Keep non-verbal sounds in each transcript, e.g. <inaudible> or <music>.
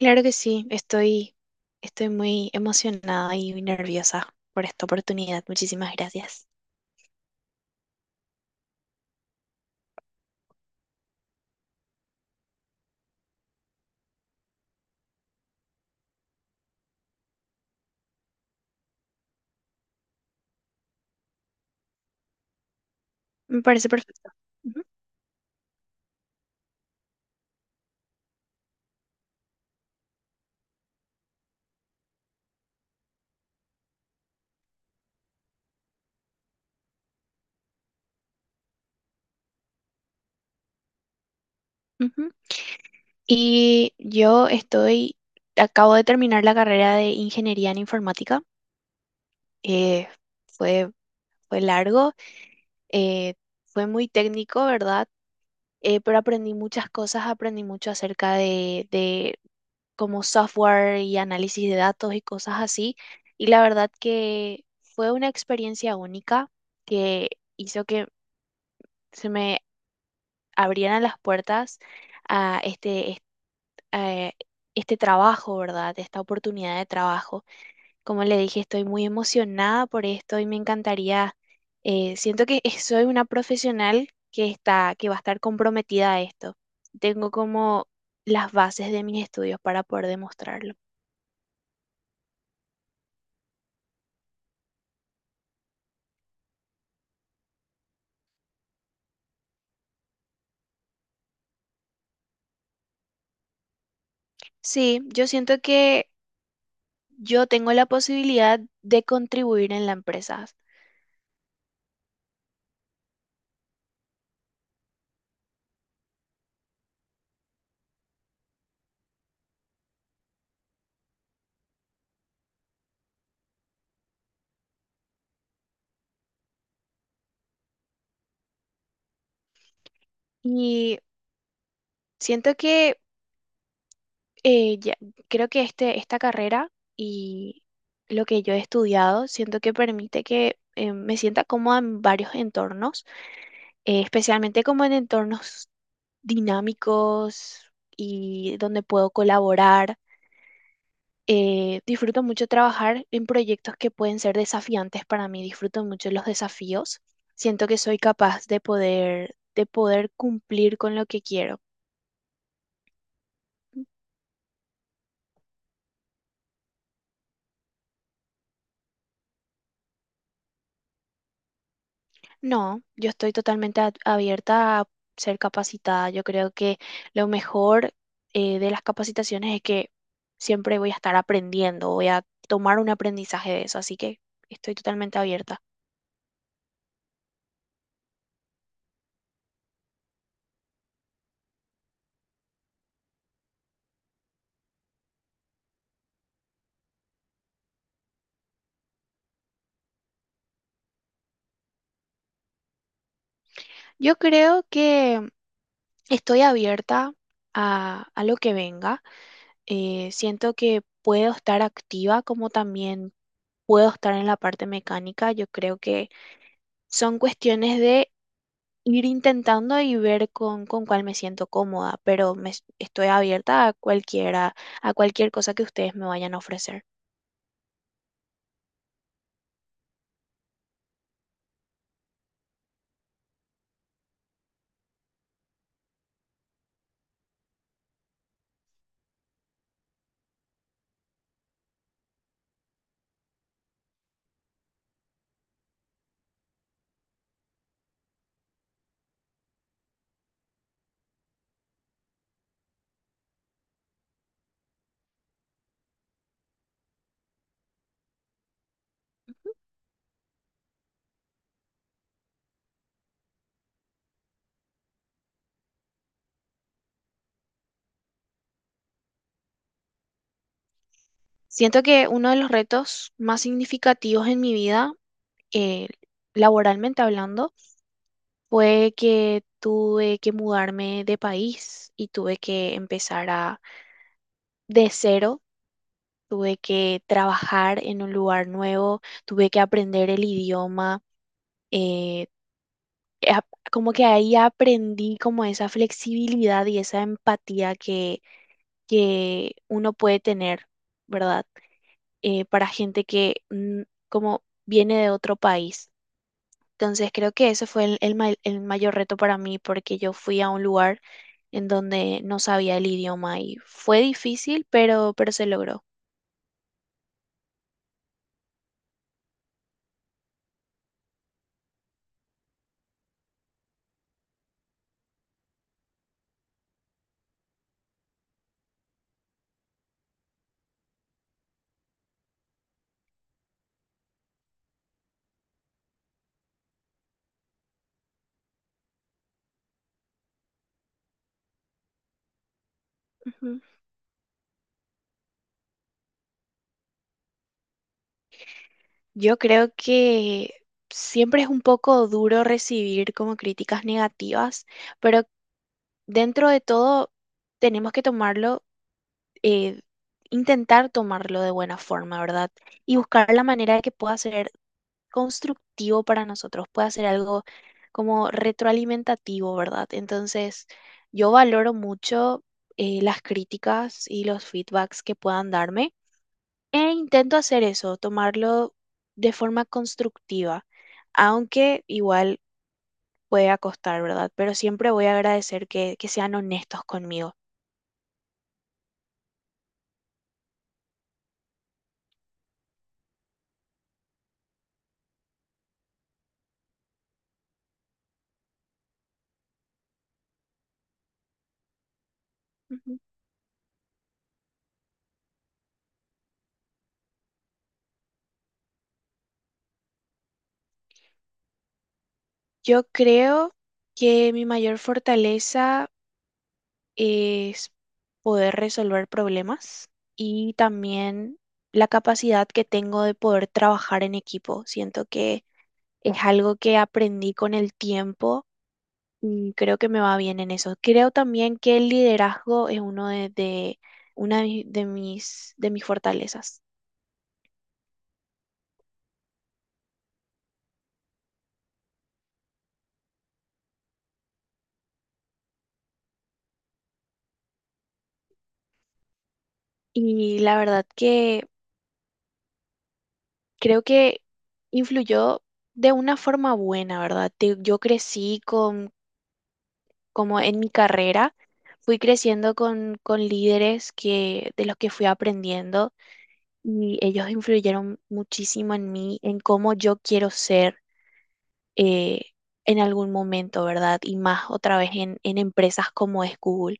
Claro que sí, estoy muy emocionada y muy nerviosa por esta oportunidad. Muchísimas gracias. Me parece perfecto. Ujú, ujú. Y acabo de terminar la carrera de ingeniería en informática. Eh, fue, fue largo, eh, fue muy técnico, ¿verdad? Pero aprendí muchas cosas, aprendí mucho acerca de, como software y análisis de datos y cosas así. Y la verdad que fue una experiencia única que hizo que se me abrieran las puertas a a este trabajo, ¿verdad? Esta oportunidad de trabajo. Como le dije, estoy muy emocionada por esto y me encantaría, siento que <laughs> soy una profesional que que va a estar comprometida a esto. Tengo como las bases de mis estudios para poder demostrarlo. Sí, yo siento que yo tengo la posibilidad de contribuir en la empresa y siento que eh, ya- creo que esta carrera y lo que yo he estudiado, siento que permite que me sienta cómoda en varios entornos, especialmente como en entornos dinámicos y donde puedo colaborar. Disfruto mucho trabajar en proyectos que pueden ser desafiantes para mí. Disfruto mucho los desafíos. Siento que soy capaz de de poder cumplir con lo que quiero. No, yo estoy totalmente abierta a ser capacitada. Yo creo que lo mejor de las capacitaciones es que siempre voy a estar aprendiendo, voy a tomar un aprendizaje de eso, así que estoy totalmente abierta. Yo creo que estoy abierta a lo que venga. Siento que puedo estar activa como también puedo estar en la parte mecánica. Yo creo que son cuestiones de ir intentando y ver con cuál me siento cómoda, pero estoy abierta a cualquiera, a cualquier cosa que ustedes me vayan a ofrecer. Siento que uno de los retos más significativos en mi vida, eh, laboralmente hablando, fue que tuve que mudarme de país y tuve que empezar a de cero, tuve que trabajar en un lugar nuevo, tuve que aprender el idioma, eh, ap- como que ahí aprendí como esa flexibilidad y esa empatía que uno puede tener, ¿verdad? Para gente que como viene de otro país. Entonces creo que ese fue el mayor reto para mí porque yo fui a un lugar en donde no sabía el idioma y fue difícil, pero se logró. Ujú. Yo creo que siempre es un poco duro recibir como críticas negativas, pero dentro de todo tenemos que tomarlo, eh, intentar tomarlo de buena forma, ¿verdad? Y buscar la manera de que pueda ser constructivo para nosotros, pueda ser algo como retroalimentativo, ¿verdad? Entonces, yo valoro mucho las críticas y los feedbacks que puedan darme. E intento hacer eso, tomarlo de forma constructiva, aunque igual pueda costar, ¿verdad? Pero siempre voy a agradecer que sean honestos conmigo. Ujú. Yo creo que mi mayor fortaleza es poder resolver problemas y también la capacidad que tengo de poder trabajar en equipo. Siento que es algo que aprendí con el tiempo y creo que me va bien en eso. Creo también que el liderazgo es una de de mis fortalezas. Y la verdad que creo que influyó de una forma buena, ¿verdad? Yo crecí con, como en mi carrera, fui creciendo con líderes que, de los que fui aprendiendo y ellos influyeron muchísimo en mí, en cómo yo quiero ser eh, en algún momento, ¿verdad? Y más otra vez en empresas como es Google.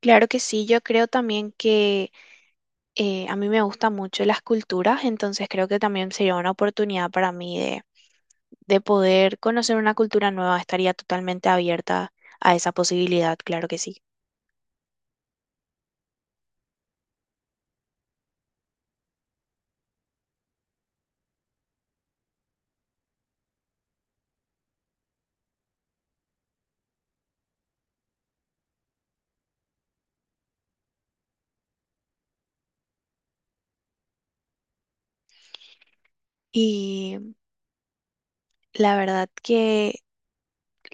Claro que sí, yo creo también que a mí me gustan mucho las culturas, entonces creo que también sería una oportunidad para mí de poder conocer una cultura nueva, estaría totalmente abierta a esa posibilidad, claro que sí. Y la verdad que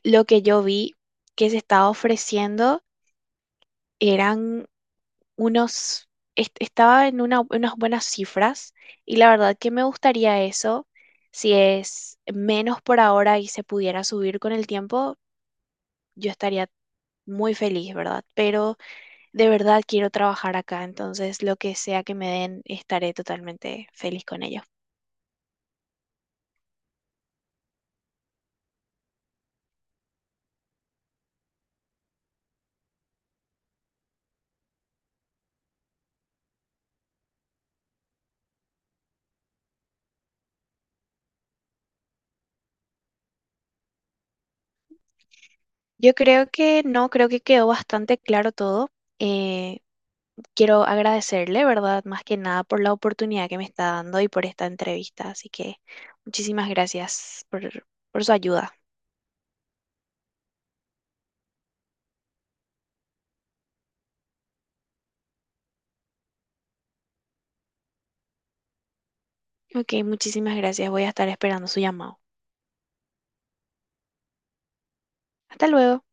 lo que yo vi que se estaba ofreciendo eran unos, estaba en unas buenas cifras y la verdad que me gustaría eso. Si es menos por ahora y se pudiera subir con el tiempo, yo estaría muy feliz, ¿verdad? Pero de verdad quiero trabajar acá, entonces lo que sea que me den, estaré totalmente feliz con ello. Yo creo que no, creo que quedó bastante claro todo. Eh, quiero agradecerle, ¿verdad? Más que nada por la oportunidad que me está dando y por esta entrevista. Así que muchísimas gracias por su ayuda. Ok, muchísimas gracias. Voy a estar esperando su llamado. Hasta luego.